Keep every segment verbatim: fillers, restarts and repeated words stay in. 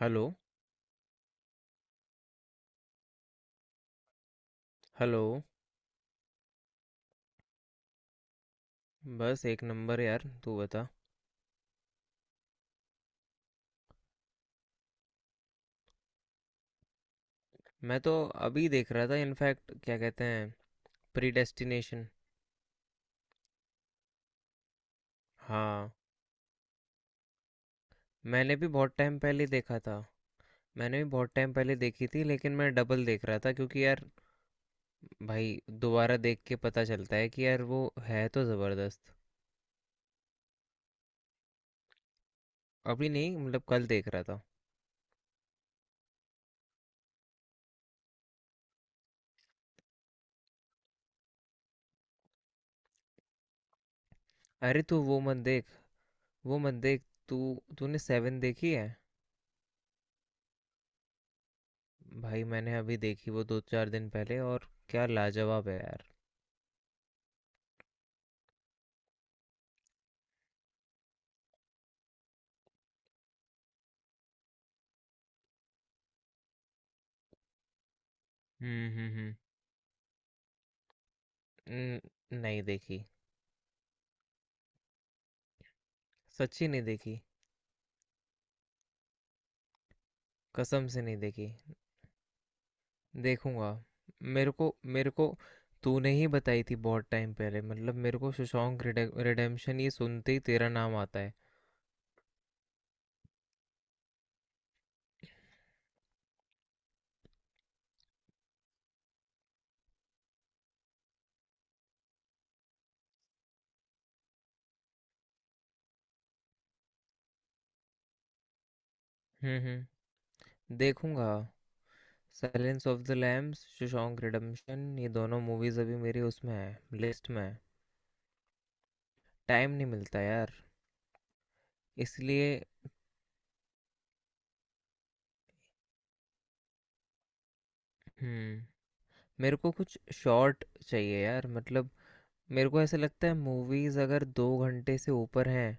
Hello. Hello. बस एक number यार, तू बता। मैं तो अभी देख रहा था, इनफैक्ट क्या कहते हैं, प्रीडेस्टिनेशन। हाँ, मैंने भी बहुत टाइम पहले देखा था। मैंने भी बहुत टाइम पहले देखी थी, लेकिन मैं डबल देख रहा था क्योंकि यार भाई, दोबारा देख के पता चलता है कि यार वो है तो ज़बरदस्त। अभी नहीं, मतलब कल देख रहा था। अरे, तू वो मत देख, वो मत देख। तू तूने सेवन देखी है? भाई, मैंने अभी देखी वो, दो चार दिन पहले, और क्या लाजवाब है यार। हम्म। हम्म। हम्म। न- नहीं देखी। सच्ची नहीं देखी। कसम से नहीं देखी। देखूंगा। मेरे को मेरे को तूने ही बताई थी बहुत टाइम पहले, मतलब मेरे को शशांक रिडेम्पशन ये सुनते ही तेरा नाम आता है। हम्म। हम्म। देखूंगा। Silence of the Lambs, Shawshank Redemption, ये दोनों मूवीज अभी मेरी उसमें है, लिस्ट में है। टाइम नहीं मिलता यार, इसलिए। हम्म। मेरे को कुछ शॉर्ट चाहिए यार, मतलब मेरे को ऐसा लगता है मूवीज अगर दो घंटे से ऊपर हैं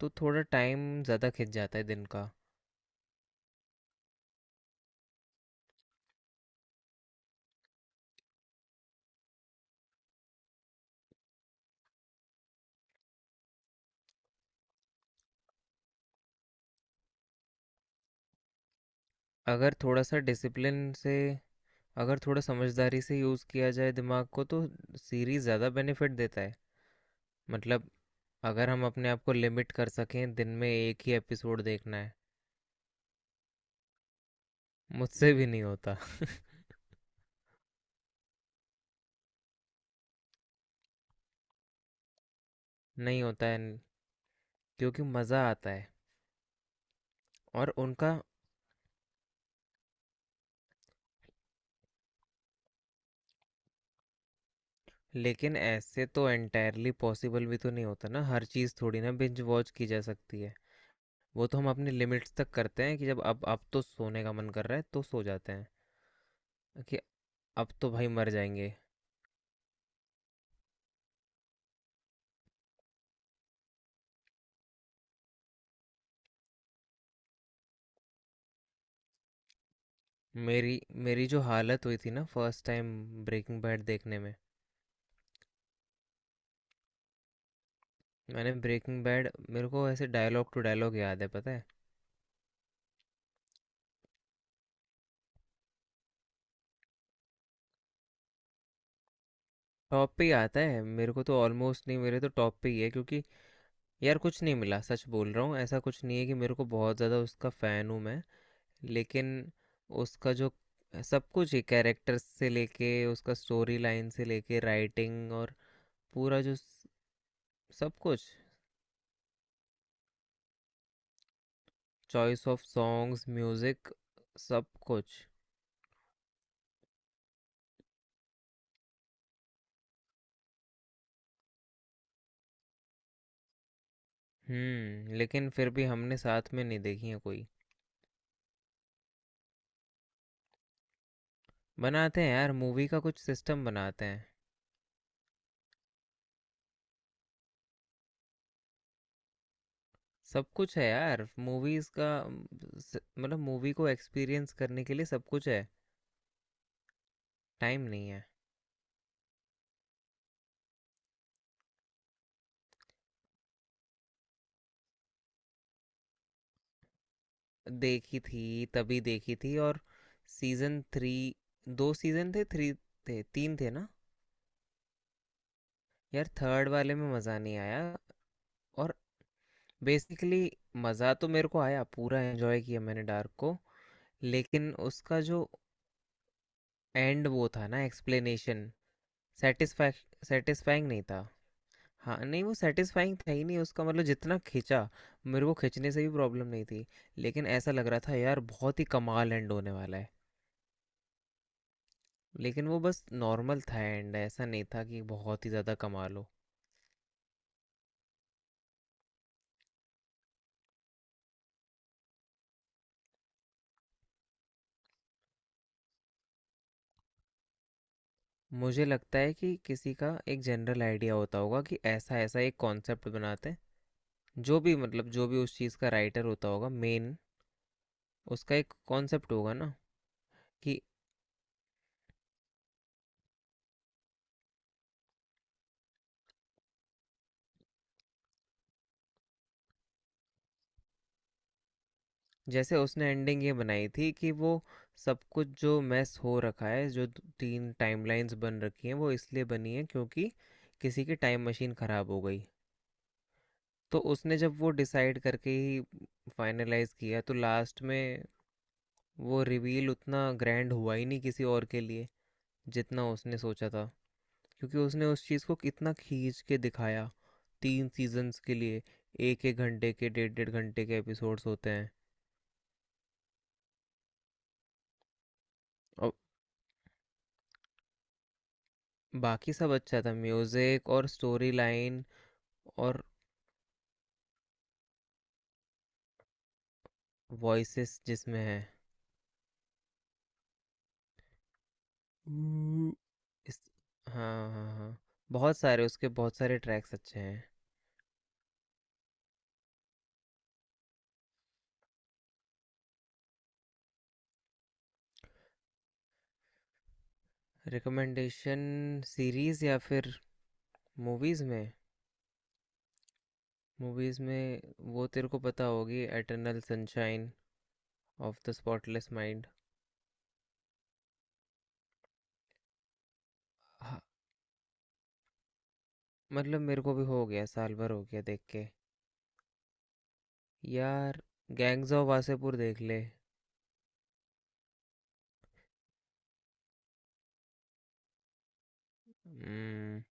तो थोड़ा टाइम ज़्यादा खिंच जाता है दिन का। अगर थोड़ा सा डिसिप्लिन से, अगर थोड़ा समझदारी से यूज़ किया जाए दिमाग को तो सीरीज़ ज़्यादा बेनिफिट देता है। मतलब, अगर हम अपने आप को लिमिट कर सकें दिन में एक ही एपिसोड देखना है। मुझसे भी नहीं होता। नहीं होता है, क्योंकि मज़ा आता है। और उनका, लेकिन ऐसे तो एंटायरली पॉसिबल भी तो नहीं होता ना, हर चीज़ थोड़ी ना बिंज वॉच की जा सकती है। वो तो हम अपने लिमिट्स तक करते हैं कि जब, अब अब तो सोने का मन कर रहा है तो सो जाते हैं, कि अब तो भाई मर जाएंगे। मेरी मेरी जो हालत हुई थी ना फर्स्ट टाइम, ब्रेकिंग बैड देखने में। मैंने ब्रेकिंग बैड, मेरे को ऐसे डायलॉग टू डायलॉग याद है, पता है। टॉप पे ही आता है मेरे को, तो ऑलमोस्ट नहीं, मेरे तो टॉप पे ही है, क्योंकि यार कुछ नहीं मिला, सच बोल रहा हूँ, ऐसा कुछ नहीं है कि मेरे को बहुत ज़्यादा उसका फ़ैन हूँ मैं, लेकिन उसका जो सब कुछ ही, कैरेक्टर्स से लेके, उसका स्टोरी लाइन से लेके, राइटिंग, और पूरा जो स- सब कुछ, चॉइस ऑफ सॉन्ग्स, म्यूज़िक, सब कुछ। हम्म। लेकिन फिर भी हमने साथ में नहीं देखी है कोई। बनाते हैं यार मूवी का कुछ सिस्टम, बनाते हैं। सब कुछ है यार मूवीज का, अम, स- मतलब मूवी को एक्सपीरियंस करने के लिए सब कुछ है। टाइम नहीं है। देखी थी, तभी देखी थी, और सीजन थ्री, दो सीजन थे, थ्री थे, तीन थे ना। यार थर्ड वाले में मज़ा नहीं आया, और बेसिकली मज़ा तो मेरे को आया, पूरा एंजॉय किया मैंने डार्क को। लेकिन उसका जो एंड वो था ना, एक्सप्लेनेशन, सेटिस्फैक्श सेटिस्फाइंग नहीं था। हाँ, नहीं, वो सेटिस्फाइंग था ही नहीं उसका, मतलब जितना खींचा, मेरे को खींचने से भी प्रॉब्लम नहीं थी, लेकिन ऐसा लग रहा था यार बहुत ही कमाल एंड होने वाला है। लेकिन वो बस नॉर्मल था एंड, ऐसा नहीं था कि बहुत ही ज़्यादा कमाल हो। मुझे लगता है कि किसी का एक जनरल आइडिया होता होगा कि ऐसा ऐसा एक कॉन्सेप्ट बनाते हैं, जो भी मतलब जो भी उस चीज़ का राइटर होता होगा मेन, उसका एक कॉन्सेप्ट होगा ना, कि जैसे उसने एंडिंग ये बनाई थी कि वो सब कुछ जो मैस हो रखा है, जो द- तीन टाइमलाइंस बन रखी हैं, वो इसलिए बनी है क्योंकि किसी की टाइम मशीन ख़राब हो गई। तो उसने जब वो डिसाइड करके ही फाइनलाइज किया, तो लास्ट में वो रिवील उतना ग्रैंड हुआ ही नहीं किसी और के लिए, जितना उसने सोचा था, क्योंकि उसने उस चीज़ को कितना खींच के दिखाया, तीन सीजन्स के लिए, एक एक घंटे के, डेढ़ डेढ़ घंटे के एपिसोड्स होते हैं। और बाकी सब अच्छा था, म्यूज़िक और स्टोरी लाइन और वॉइसेस जिसमें है। हम्म, इस। हाँ हाँ हाँ, बहुत सारे उसके, बहुत सारे ट्रैक्स अच्छे हैं। रिकमेंडेशन? सीरीज़ या फिर मूवीज़ में? मूवीज़ में, वो तेरे को पता होगी, Eternal Sunshine of the Spotless Mind. मतलब मेरे को भी हो गया, साल भर हो गया देख के। यार, गैंग्स ऑफ वासेपुर देख ले। हम्म,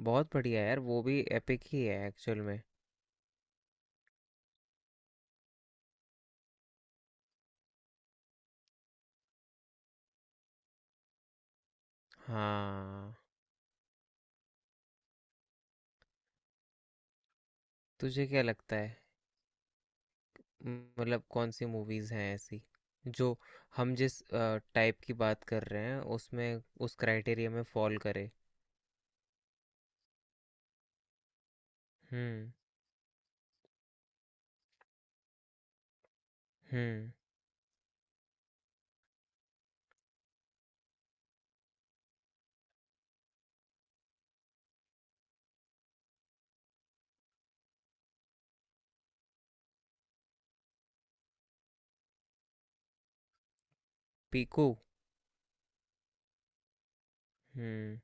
बहुत बढ़िया है यार, वो भी एपिक ही है एक्चुअल में। हाँ। तुझे क्या लगता है म- मतलब कौन सी मूवीज़ हैं ऐसी जो, हम जिस टाइप की बात कर रहे हैं उसमें, उस क्राइटेरिया में फॉल करे। हम्म। हम्म। पीकू। हम्म।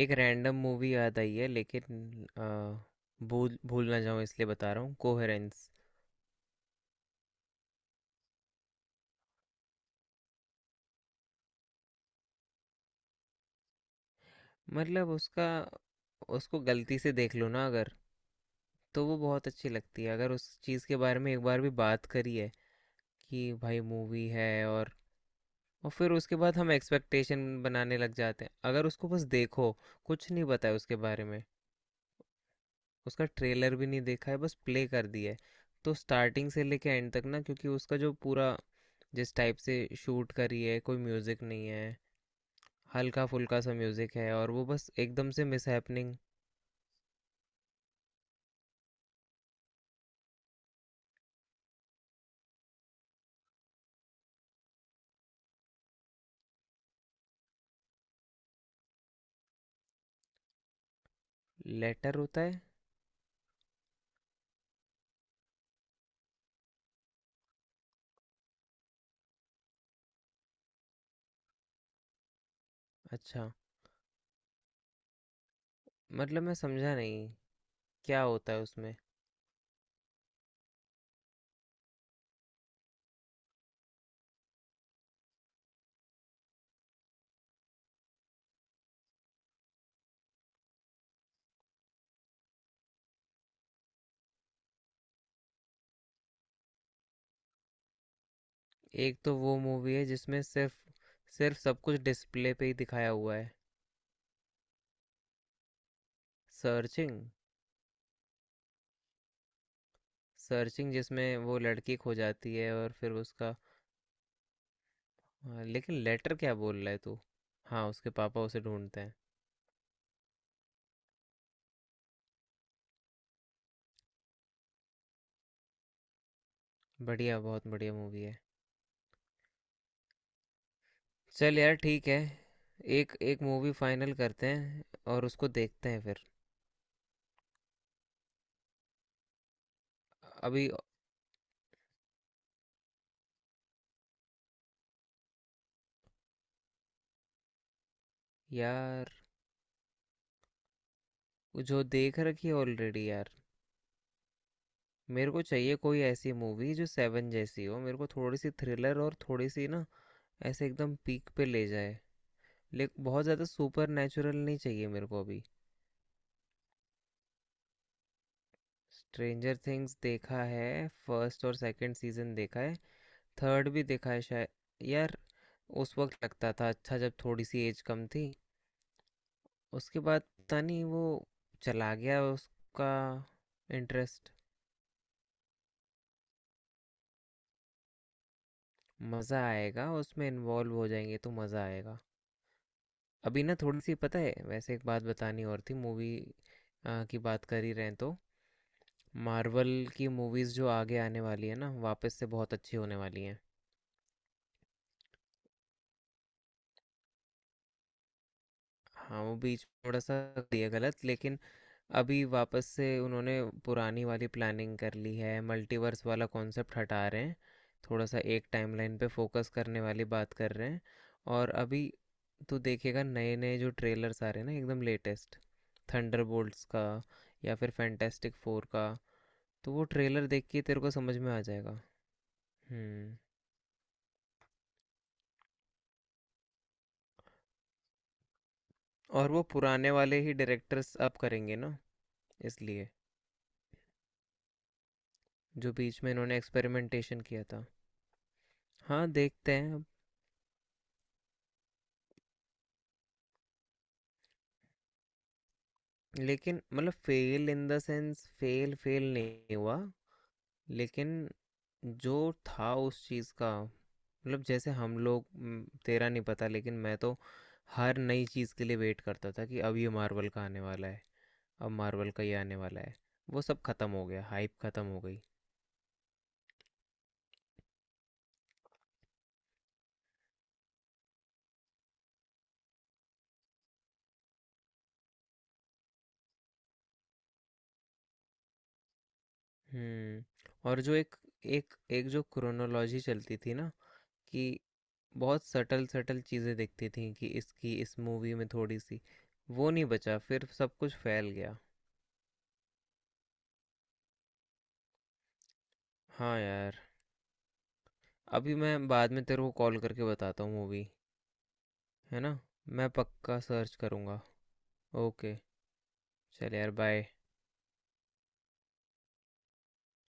एक रैंडम मूवी याद आई है, लेकिन अ, भूल भूल ना जाऊँ इसलिए बता रहा हूँ, कोहेरेंस। मतलब उसका, उसको गलती से देख लो ना अगर, तो वो बहुत अच्छी लगती है। अगर उस चीज़ के बारे में एक बार भी बात करी है कि भाई मूवी है, और और फिर उसके बाद हम एक्सपेक्टेशन बनाने लग जाते हैं। अगर उसको बस देखो, कुछ नहीं पता है उसके बारे में, उसका ट्रेलर भी नहीं देखा है, बस प्ले कर दिया है, तो स्टार्टिंग से लेके एंड तक ना, क्योंकि उसका जो पूरा, जिस टाइप से शूट करी है, कोई म्यूज़िक नहीं है, हल्का फुल्का सा म्यूज़िक है, और वो बस एकदम से मिस हैपनिंग। लेटर होता है। अच्छा, मतलब मैं समझा नहीं, क्या होता है उसमें। एक तो वो मूवी है जिसमें सिर्फ सिर्फ सब कुछ डिस्प्ले पे ही दिखाया हुआ है, सर्चिंग। सर्चिंग जिसमें वो लड़की खो जाती है, और फिर उसका आ, लेकिन लेटर क्या बोल रहा है तू? हाँ, उसके पापा उसे ढूंढते हैं। बढ़िया, बहुत बढ़िया मूवी है। चल यार ठीक है, एक एक मूवी फाइनल करते हैं, और उसको देखते हैं फिर। अभी? यार, वो जो देख रखी है ऑलरेडी यार, मेरे को चाहिए कोई ऐसी मूवी जो सेवन जैसी हो। मेरे को थोड़ी सी थ्रिलर और थोड़ी सी ना, ऐसे एकदम पीक पे ले जाए, लेकिन बहुत ज़्यादा सुपर नेचुरल नहीं चाहिए मेरे को अभी। स्ट्रेंजर थिंग्स देखा है, फर्स्ट और सेकंड सीजन देखा है, थर्ड भी देखा है शायद यार। उस वक्त लगता था अच्छा, जब थोड़ी सी एज कम थी, उसके बाद पता नहीं, वो चला गया उसका इंटरेस्ट। मज़ा आएगा, उसमें इन्वॉल्व हो जाएंगे तो मज़ा आएगा। अभी ना थोड़ी सी, पता है वैसे, एक बात बतानी और थी, मूवी की बात कर ही रहे हैं तो, मार्वल की मूवीज़ जो आगे आने वाली है ना, वापस से बहुत अच्छी होने वाली हैं। हाँ वो बीच में थोड़ा सा दिया गलत, लेकिन अभी वापस से उन्होंने पुरानी वाली प्लानिंग कर ली है, मल्टीवर्स वाला कॉन्सेप्ट हटा रहे हैं, थोड़ा सा एक टाइमलाइन पे फोकस करने वाली बात कर रहे हैं। और अभी तू देखेगा नए नए जो ट्रेलर्स आ रहे हैं ना एकदम लेटेस्ट, थंडरबोल्ट्स का या फिर फैंटेस्टिक फोर का, तो वो ट्रेलर देख के तेरे को समझ में आ जाएगा। हम्म। और वो पुराने वाले ही डायरेक्टर्स अब करेंगे ना, इसलिए। जो बीच में इन्होंने एक्सपेरिमेंटेशन किया था। हाँ देखते हैं। लेकिन मतलब fail in the sense fail fail नहीं हुआ, लेकिन जो था उस चीज़ का, मतलब जैसे हम लोग म, तेरा नहीं पता लेकिन मैं तो हर नई चीज़ के लिए वेट करता था कि अब ये मार्वल का आने वाला है, अब मार्वल का ये आने वाला है। वो सब ख़त्म हो गया, हाइप ख़त्म हो गई। हम्म। और जो एक एक एक जो क्रोनोलॉजी चलती थी ना, कि बहुत सटल सटल चीज़ें दिखती थी, कि इसकी इस मूवी में थोड़ी सी, वो नहीं बचा, फिर सब कुछ फैल गया। हाँ यार, अभी मैं बाद में तेरे को कॉल करके बताता हूँ मूवी, है ना? मैं पक्का सर्च करूँगा। ओके। चल यार बाय।